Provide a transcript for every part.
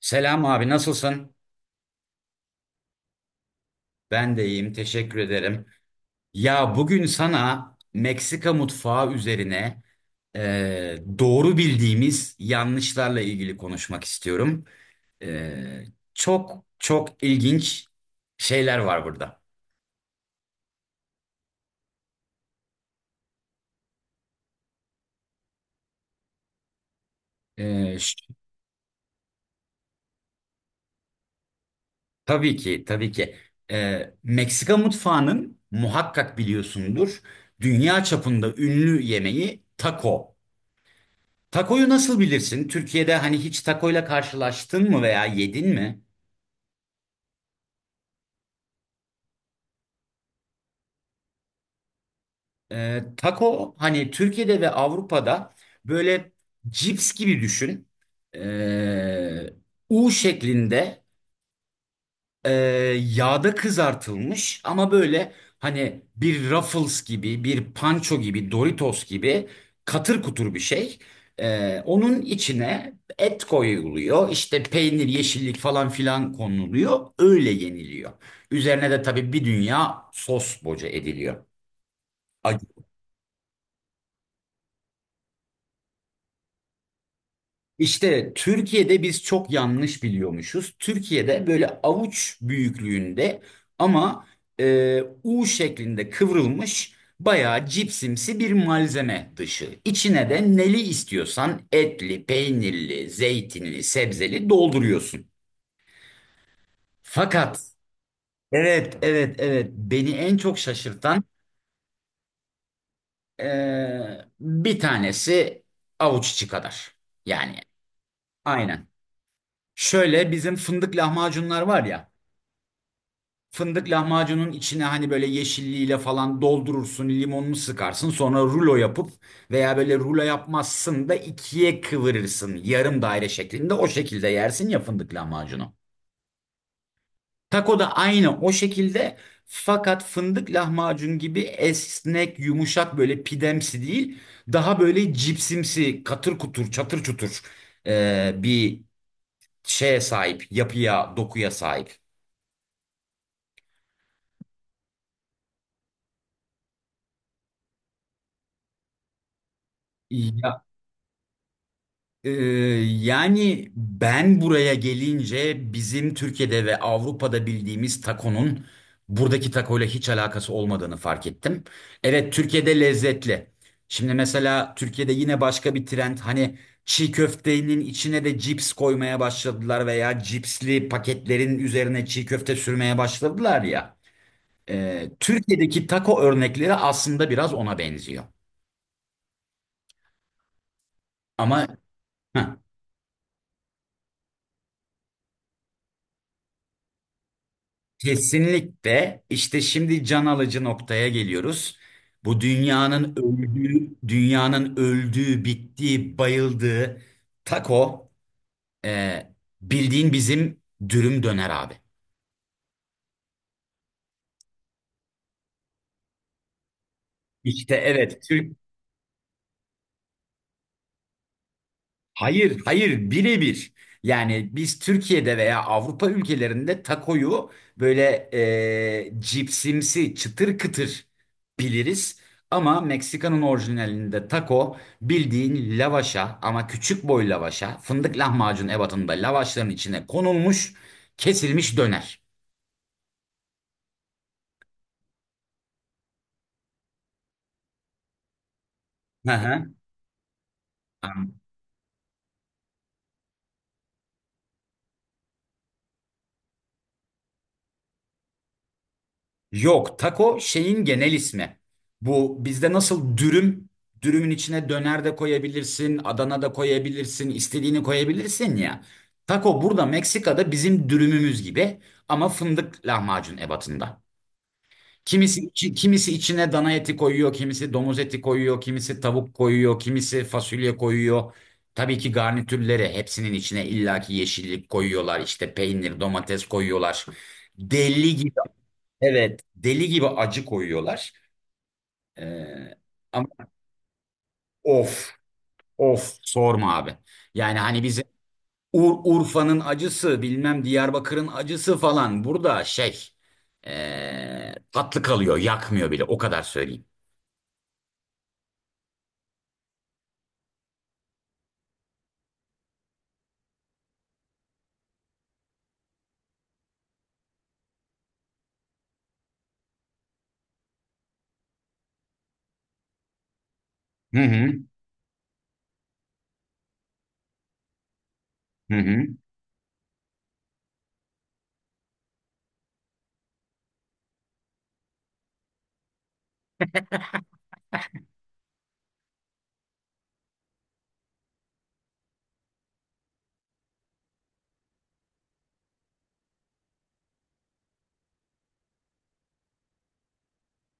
Selam abi, nasılsın? Ben de iyiyim, teşekkür ederim. Ya bugün sana Meksika mutfağı üzerine doğru bildiğimiz yanlışlarla ilgili konuşmak istiyorum. E, çok çok ilginç şeyler var burada. E, ş- tabii ki, tabii ki. Meksika mutfağının muhakkak biliyorsundur, dünya çapında ünlü yemeği taco. Takoyu nasıl bilirsin? Türkiye'de hani hiç takoyla karşılaştın mı veya yedin mi? Tako hani Türkiye'de ve Avrupa'da böyle cips gibi düşün. Ee, U şeklinde e, yağda kızartılmış ama böyle hani bir Ruffles gibi, bir Pancho gibi, Doritos gibi katır kutur bir şey. Onun içine et koyuluyor, işte peynir, yeşillik falan filan konuluyor, öyle yeniliyor. Üzerine de tabii bir dünya sos boca ediliyor. İşte Türkiye'de biz çok yanlış biliyormuşuz. Türkiye'de böyle avuç büyüklüğünde ama U şeklinde kıvrılmış bayağı cipsimsi bir malzeme dışı. İçine de neli istiyorsan etli, peynirli, zeytinli, sebzeli dolduruyorsun. Fakat evet, evet, evet, beni en çok şaşırtan e, bir tanesi avuç içi kadar. Yani aynen. Şöyle bizim fındık lahmacunlar var ya. Fındık lahmacunun içine hani böyle yeşilliğiyle falan doldurursun, limonunu sıkarsın. Sonra rulo yapıp veya böyle rulo yapmazsın da ikiye kıvırırsın. Yarım daire şeklinde o şekilde yersin ya fındık lahmacunu. Taco da aynı o şekilde fakat fındık lahmacun gibi esnek, yumuşak böyle pidemsi değil. Daha böyle cipsimsi, katır kutur, çatır çutur bir şeye sahip, yapıya, dokuya sahip. Ya, Ee, yani ben buraya gelince bizim Türkiye'de ve Avrupa'da bildiğimiz takonun buradaki takoyla hiç alakası olmadığını fark ettim. Evet, Türkiye'de lezzetli. Şimdi mesela Türkiye'de yine başka bir trend hani çiğ köftenin içine de cips koymaya başladılar veya cipsli paketlerin üzerine çiğ köfte sürmeye başladılar ya. Türkiye'deki taco örnekleri aslında biraz ona benziyor. Ama heh. Kesinlikle, işte şimdi can alıcı noktaya geliyoruz. Bu dünyanın öldüğü, dünyanın öldüğü, bittiği, bayıldığı taco e, bildiğin bizim dürüm döner abi. İşte evet, Türk. Hayır, hayır, birebir. Yani biz Türkiye'de veya Avrupa ülkelerinde takoyu böyle cipsimsi, çıtır kıtır biliriz. Ama Meksika'nın orijinalinde taco bildiğin lavaşa ama küçük boy lavaşa, fındık lahmacun ebatında lavaşların içine konulmuş, kesilmiş döner. Hı hı. Yok, taco şeyin genel ismi. Bu bizde nasıl dürüm, dürümün içine döner de koyabilirsin, Adana da koyabilirsin, istediğini koyabilirsin ya. Taco burada Meksika'da bizim dürümümüz gibi ama fındık lahmacun ebatında. Kimisi içine dana eti koyuyor, kimisi domuz eti koyuyor, kimisi tavuk koyuyor, kimisi fasulye koyuyor. Tabii ki garnitürleri hepsinin içine illaki yeşillik koyuyorlar, işte peynir, domates koyuyorlar. Deli gibi evet, deli gibi acı koyuyorlar. Ee, ama of, of sorma abi. Yani hani bizim Ur Urfa'nın acısı, bilmem Diyarbakır'ın acısı falan burada şey tatlı kalıyor, yakmıyor bile. O kadar söyleyeyim. Hı hı, hı hı.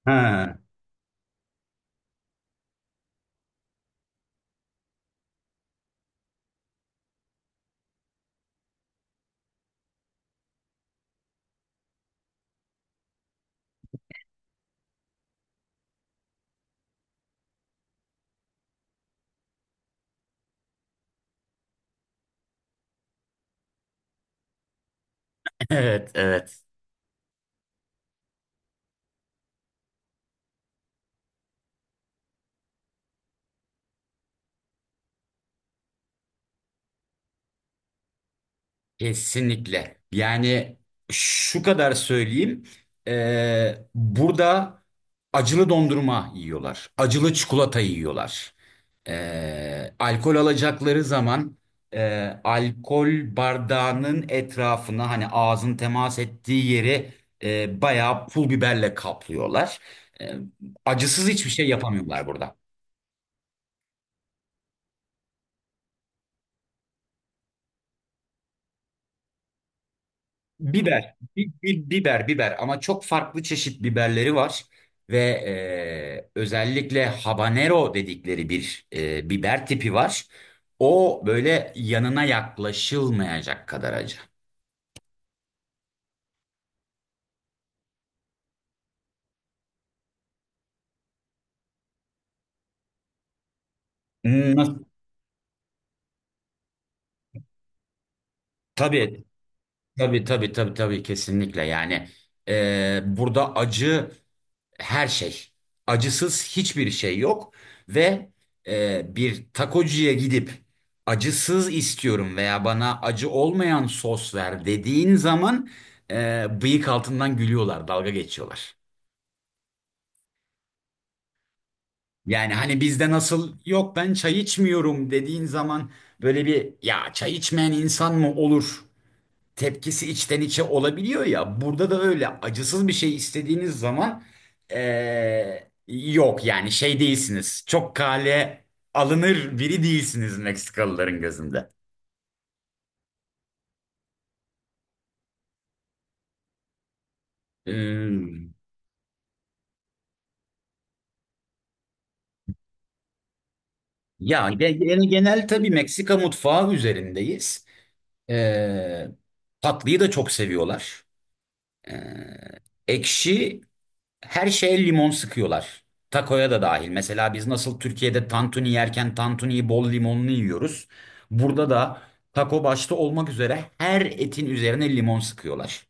Ha, evet, evet. Kesinlikle. Yani şu kadar söyleyeyim. Burada acılı dondurma yiyorlar. Acılı çikolata yiyorlar. Alkol alacakları zaman alkol bardağının etrafına hani ağzın temas ettiği yeri bayağı pul biberle kaplıyorlar. Ee, acısız hiçbir şey yapamıyorlar burada. Biber ama çok farklı çeşit biberleri var ve özellikle habanero dedikleri bir biber tipi var. O böyle yanına yaklaşılmayacak kadar acı. Nasıl? Tabii, tabii, tabii, tabii, tabii, kesinlikle. Yani burada acı her şey. Acısız hiçbir şey yok ve bir takocuya gidip acısız istiyorum veya bana acı olmayan sos ver dediğin zaman bıyık altından gülüyorlar, dalga geçiyorlar. Yani hani bizde nasıl yok ben çay içmiyorum dediğin zaman böyle bir ya çay içmeyen insan mı olur tepkisi içten içe olabiliyor ya. Burada da öyle acısız bir şey istediğiniz zaman yok yani şey değilsiniz. Çok kale alınır biri değilsiniz Meksikalıların gözünde. Hmm, ya genel tabii Meksika mutfağı üzerindeyiz. Eee tatlıyı da çok seviyorlar. Ekşi her şeye limon sıkıyorlar. Takoya da dahil. Mesela biz nasıl Türkiye'de tantuni yerken tantuniyi bol limonlu yiyoruz. Burada da taco başta olmak üzere her etin üzerine limon sıkıyorlar.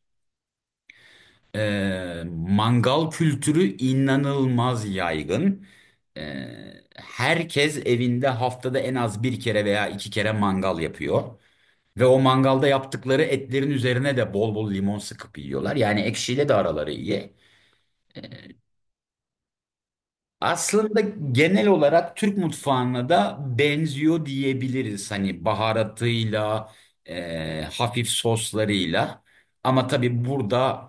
Ee, mangal kültürü inanılmaz yaygın. Ee, herkes evinde haftada en az bir kere veya iki kere mangal yapıyor. Ve o mangalda yaptıkları etlerin üzerine de bol bol limon sıkıp yiyorlar. Yani ekşiyle de araları iyi. Aslında genel olarak Türk mutfağına da benziyor diyebiliriz. Hani baharatıyla, hafif soslarıyla. Ama tabii burada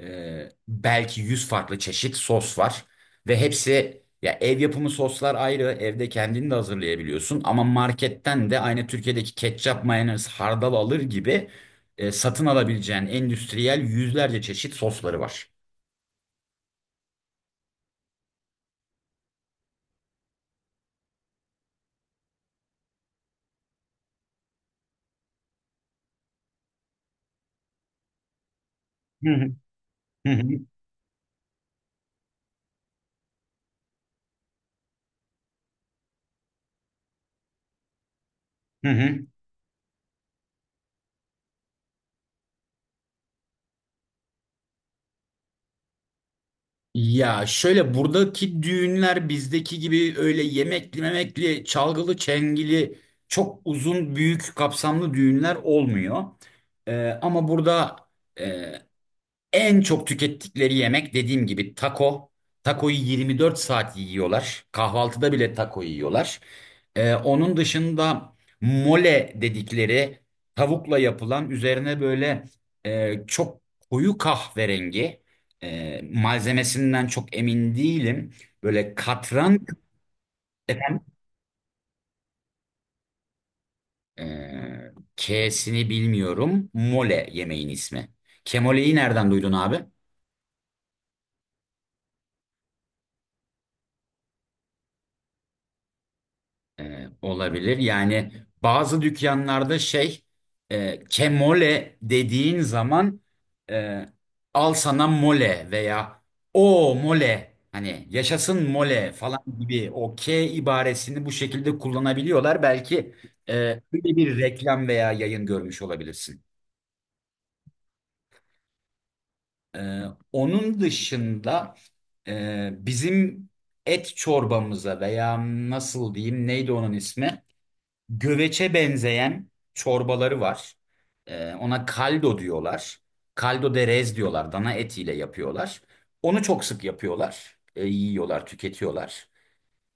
belki 100 farklı çeşit sos var. Ve hepsi ya ev yapımı soslar ayrı, evde kendini de hazırlayabiliyorsun. Ama marketten de aynı Türkiye'deki ketçap, mayonez, hardal alır gibi satın alabileceğin endüstriyel yüzlerce çeşit sosları var. Hı hı. Hı hı. Hı hı. Ya şöyle buradaki düğünler bizdeki gibi öyle yemekli memekli, çalgılı çengili çok uzun büyük kapsamlı düğünler olmuyor. Ama burada e, en çok tükettikleri yemek dediğim gibi taco. Taco'yu 24 saat yiyorlar. Kahvaltıda bile taco yiyorlar. Onun dışında mole dedikleri tavukla yapılan üzerine böyle çok koyu kahverengi malzemesinden çok emin değilim. Böyle katran K'sini bilmiyorum. Mole yemeğin ismi. Kemole'yi nereden duydun abi? E, olabilir. Yani bazı dükkanlarda şey kemole dediğin zaman e, al sana mole veya o mole hani yaşasın mole falan gibi o K ibaresini bu şekilde kullanabiliyorlar. Belki e, öyle bir reklam veya yayın görmüş olabilirsin. E, onun dışında bizim et çorbamıza veya nasıl diyeyim neydi onun ismi? Göveçe benzeyen çorbaları var. Ona kaldo diyorlar. Kaldo de res diyorlar. Dana etiyle yapıyorlar. Onu çok sık yapıyorlar. Yiyorlar, tüketiyorlar.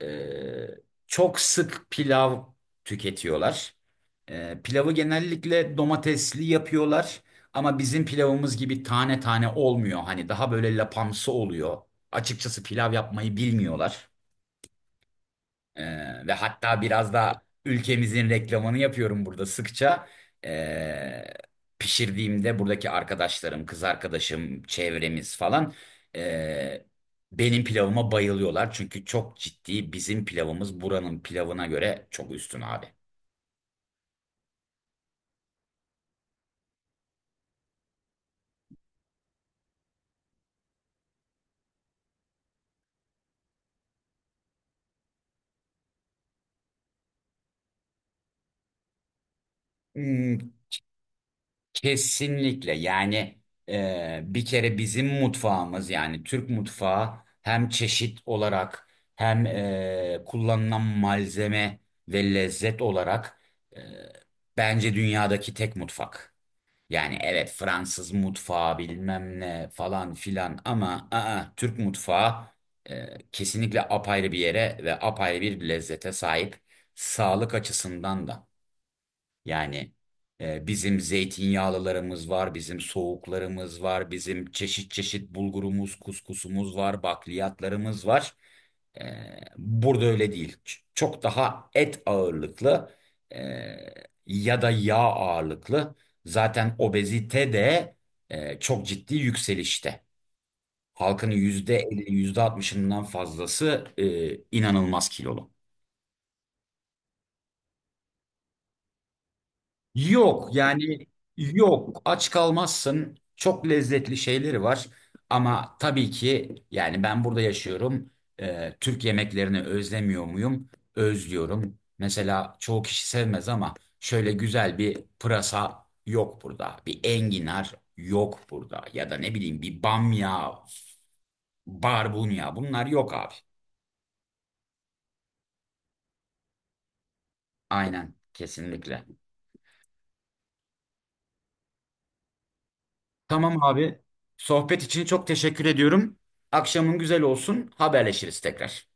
Ee, çok sık pilav tüketiyorlar. Pilavı genellikle domatesli yapıyorlar. Ama bizim pilavımız gibi tane tane olmuyor. Hani daha böyle lapamsı oluyor. Açıkçası pilav yapmayı bilmiyorlar. Ve hatta biraz da ülkemizin reklamını yapıyorum burada sıkça. Ee, pişirdiğimde buradaki arkadaşlarım, kız arkadaşım, çevremiz falan ee, benim pilavıma bayılıyorlar. Çünkü çok ciddi bizim pilavımız buranın pilavına göre çok üstün abi. Hmm, Kesinlikle yani bir kere bizim mutfağımız yani Türk mutfağı hem çeşit olarak hem kullanılan malzeme ve lezzet olarak e, bence dünyadaki tek mutfak. Yani evet Fransız mutfağı bilmem ne falan filan ama Türk mutfağı kesinlikle apayrı bir yere ve apayrı bir lezzete sahip, sağlık açısından da. Yani bizim zeytinyağlılarımız var, bizim soğuklarımız var, bizim çeşit çeşit bulgurumuz, kuskusumuz var, bakliyatlarımız var. E, burada öyle değil. Çok daha et ağırlıklı e, ya da yağ ağırlıklı. Zaten obezite de çok ciddi yükselişte. Halkın yüzde %50, yüzde %60'ından fazlası inanılmaz kilolu. Yok yani yok, aç kalmazsın. Çok lezzetli şeyleri var. Ama tabii ki yani ben burada yaşıyorum. Türk yemeklerini özlemiyor muyum? Özlüyorum. Mesela çoğu kişi sevmez ama şöyle güzel bir pırasa yok burada. Bir enginar yok burada. Ya da ne bileyim bir bamya, barbunya bunlar yok abi. Aynen, kesinlikle. Tamam abi. Sohbet için çok teşekkür ediyorum. Akşamın güzel olsun. Haberleşiriz tekrar.